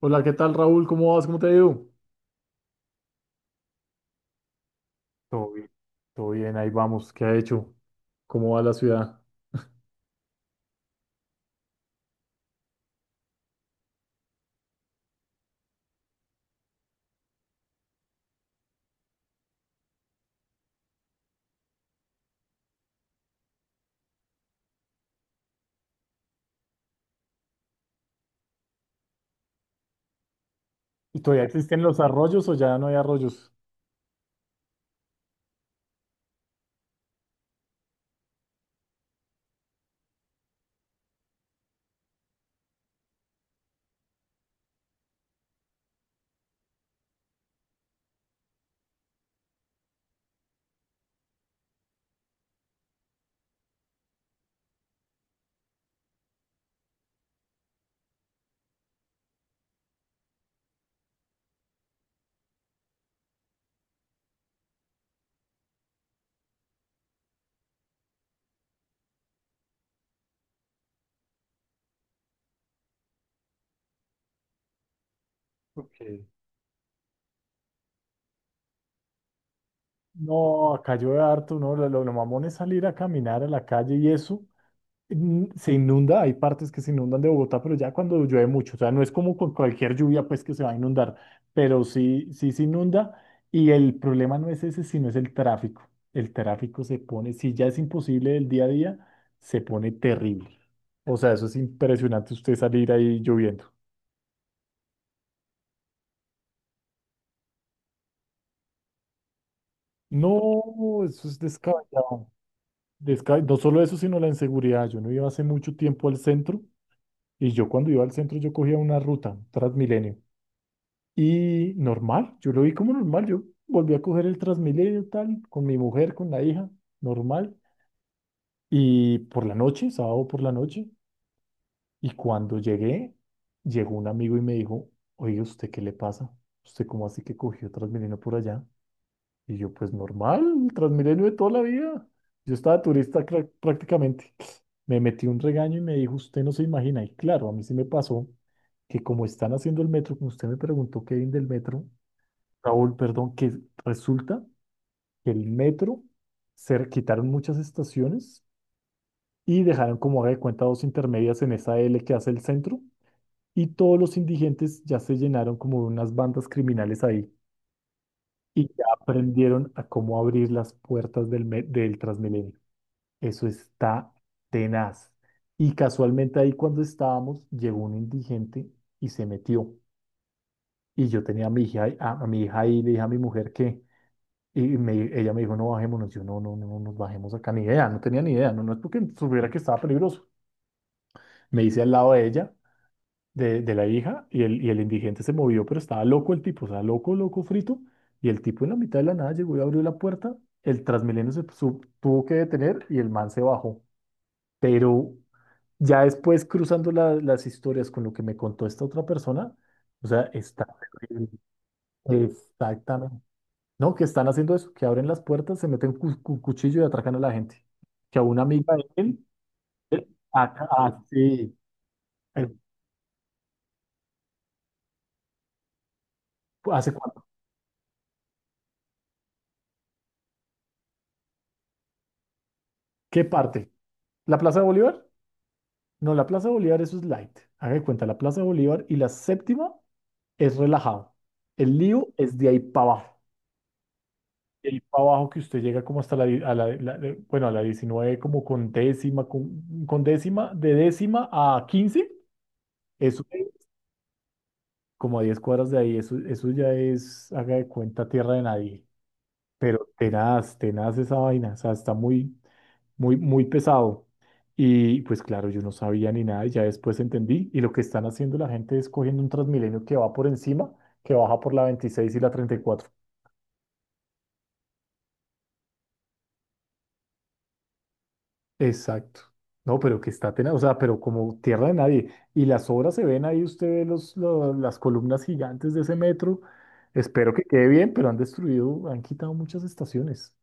Hola, ¿qué tal, Raúl? ¿Cómo vas? ¿Cómo te ha ido? Todo bien. Todo bien, ahí vamos. ¿Qué ha hecho? ¿Cómo va la ciudad? ¿Y todavía existen los arroyos o ya no hay arroyos? Ok. No, acá llueve harto, ¿no? Lo mamón es salir a caminar a la calle y eso, se inunda, hay partes que se inundan de Bogotá, pero ya cuando llueve mucho, o sea, no es como con cualquier lluvia pues que se va a inundar, pero sí, sí se inunda, y el problema no es ese, sino es el tráfico. El tráfico se pone, si ya es imposible el día a día, se pone terrible. O sea, eso es impresionante usted salir ahí lloviendo. No, eso es descabellado. No solo eso, sino la inseguridad. Yo no iba hace mucho tiempo al centro y yo cuando iba al centro yo cogía una ruta, Transmilenio. Y normal, yo lo vi como normal, yo volví a coger el Transmilenio tal, con mi mujer, con la hija, normal. Y por la noche, sábado por la noche, y cuando llegué, llegó un amigo y me dijo, oye, ¿usted qué le pasa? ¿Usted cómo así que cogió Transmilenio por allá? Y yo, pues normal, el Transmilenio de toda la vida. Yo estaba turista prácticamente. Me metí un regaño y me dijo, usted no se imagina. Y claro, a mí sí me pasó que como están haciendo el metro, como usted me preguntó, Kevin, del metro, Raúl, perdón, que resulta que el metro se quitaron muchas estaciones y dejaron como haga de cuenta dos intermedias en esa L que hace el centro y todos los indigentes ya se llenaron como de unas bandas criminales ahí y ya aprendieron a cómo abrir las puertas del Transmilenio. Eso está tenaz. Y casualmente ahí cuando estábamos llegó un indigente y se metió. Y yo tenía a mi hija, a mi hija ahí y le dije a mi mujer que ella me dijo, no bajémonos. Yo, no, no, no, no nos bajemos acá. Ni idea, no tenía ni idea. No, no es porque supiera que estaba peligroso. Me hice al lado de ella, de la hija, y el indigente se movió, pero estaba loco el tipo, o sea, loco, loco, frito. Y el tipo en la mitad de la nada llegó y abrió la puerta. El Transmilenio se tuvo que detener y el man se bajó. Pero ya después, cruzando las historias con lo que me contó esta otra persona, o sea, está terrible. Exactamente. No, que están haciendo eso, que abren las puertas, se meten cuchillo y atracan a la gente. Que a una amiga de él, ah, sí, eh, ¿hace cuánto? ¿Qué parte? ¿La Plaza de Bolívar? No, la Plaza de Bolívar, eso es light. Haga de cuenta, la Plaza de Bolívar y la séptima es relajado. El lío es de ahí para abajo. De ahí para abajo que usted llega como hasta la, di- a la- la- la- bueno, a la 19 como con décima, con décima, de décima a 15, eso. Como a 10 cuadras de ahí, eso ya es, haga de cuenta, tierra de nadie. Pero tenaz, tenaz esa vaina, o sea, está muy, muy, muy pesado. Y pues claro, yo no sabía ni nada, y ya después entendí. Y lo que están haciendo la gente es cogiendo un Transmilenio que va por encima, que baja por la 26 y la 34. Exacto. No, pero que está tenaz, o sea, pero como tierra de nadie. Y las obras se ven ahí, usted ve las columnas gigantes de ese metro. Espero que quede bien, pero han destruido, han quitado muchas estaciones.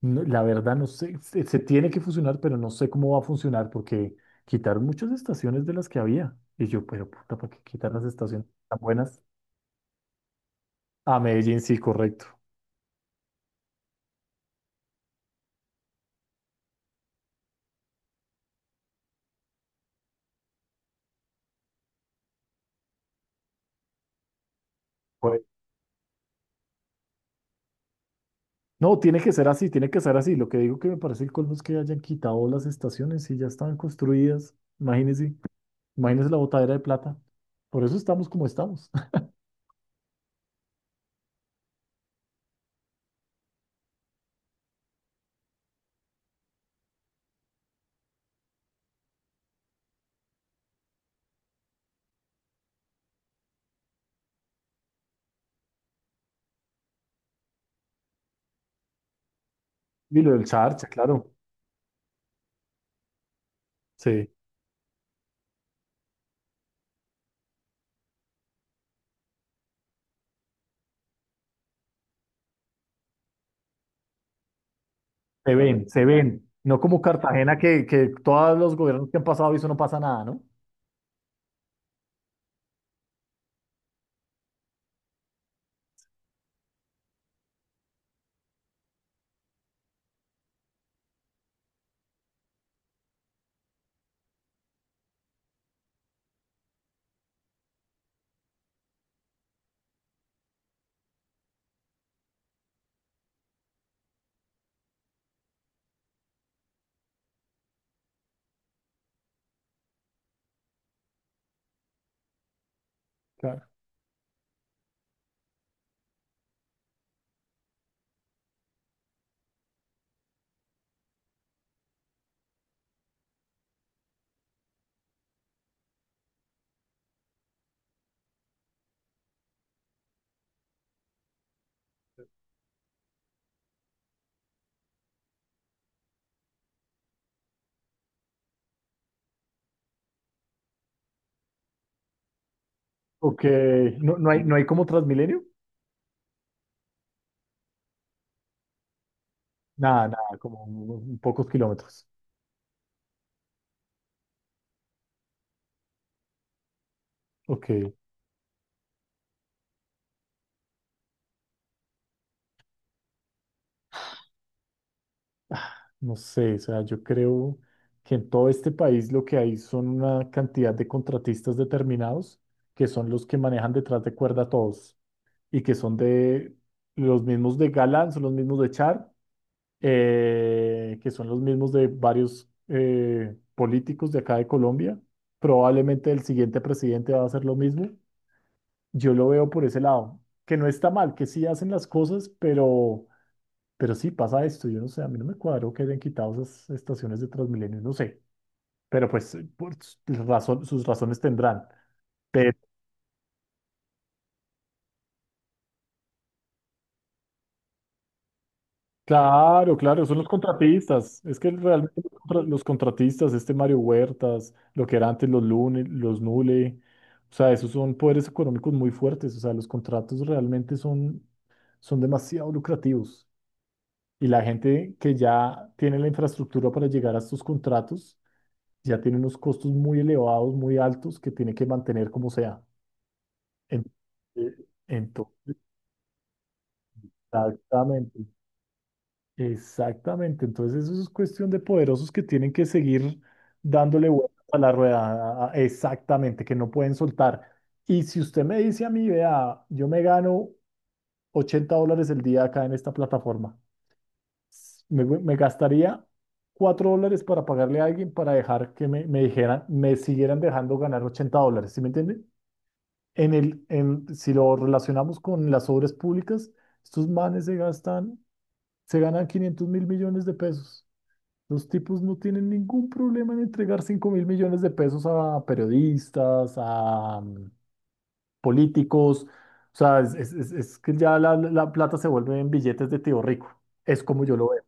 No, la verdad no sé, se tiene que fusionar, pero no sé cómo va a funcionar porque quitaron muchas estaciones de las que había. Y yo, pero puta, ¿para qué quitar las estaciones tan buenas? A Medellín, sí, correcto. Pues, no, tiene que ser así, tiene que ser así. Lo que digo que me parece el colmo es que hayan quitado las estaciones y ya estaban construidas. Imagínense, imagínense la botadera de plata. Por eso estamos como estamos. Y lo del charcha, claro. Sí, se ven, se ven. No como Cartagena que todos los gobiernos que han pasado y eso no pasa nada, ¿no? Claro. Ok, no, no hay como Transmilenio. Nada, nada, como pocos kilómetros. Ok, no sé, o sea, yo creo que en todo este país lo que hay son una cantidad de contratistas determinados que son los que manejan detrás de cuerda a todos y que son de los mismos de Galán, son los mismos de Char, que son los mismos de varios políticos de acá de Colombia. Probablemente el siguiente presidente va a hacer lo mismo. Yo lo veo por ese lado, que no está mal, que sí hacen las cosas, pero sí pasa esto. Yo no sé, a mí no me cuadró que hayan quitado esas estaciones de Transmilenio, no sé, pero pues sus razones tendrán. Pero, claro, claro, son los contratistas. Es que realmente los contratistas, este Mario Huertas, lo que era antes los Lune, los Nule, o sea, esos son poderes económicos muy fuertes. O sea, los contratos realmente son demasiado lucrativos. Y la gente que ya tiene la infraestructura para llegar a estos contratos, ya tiene unos costos muy elevados, muy altos, que tiene que mantener como sea. En- eh, ento- exactamente, exactamente. Entonces eso es cuestión de poderosos que tienen que seguir dándole vueltas a la rueda, exactamente, que no pueden soltar. Y si usted me dice a mí, vea, yo me gano $80 el día acá en esta plataforma. Me gastaría $4 para pagarle a alguien para dejar que me dijeran, me siguieran dejando ganar $80, ¿sí me entiende? Si lo relacionamos con las obras públicas, estos manes se gastan, se ganan 500.000 millones de pesos. Los tipos no tienen ningún problema en entregar 5.000 millones de pesos a periodistas, a políticos. O sea, es que ya la plata se vuelve en billetes de tío rico. Es como yo lo veo,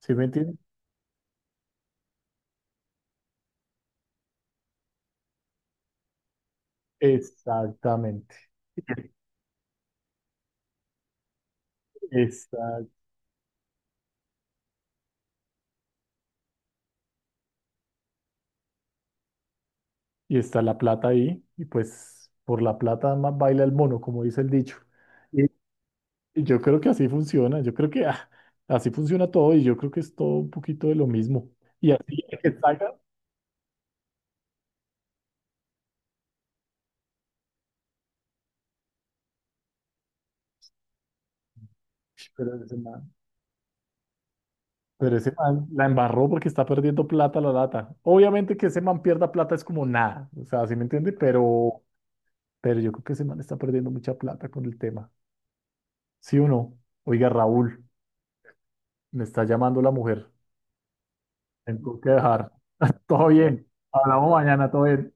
¿sí me entiendes? Exactamente. Está, y está la plata ahí, y pues por la plata más baila el mono, como dice el dicho. Y, y yo creo que así funciona, yo creo que así funciona todo, y yo creo que es todo un poquito de lo mismo. Y así el que salga, "Ush, pero ese man la embarró porque está perdiendo plata la lata. Obviamente que ese man pierda plata es como nada, o sea, ¿sí me entiende? Pero yo creo que ese man está perdiendo mucha plata con el tema. ¿Sí o no? Oiga, Raúl, me está llamando la mujer. Tengo que dejar. Todo bien. Hablamos mañana, todo bien.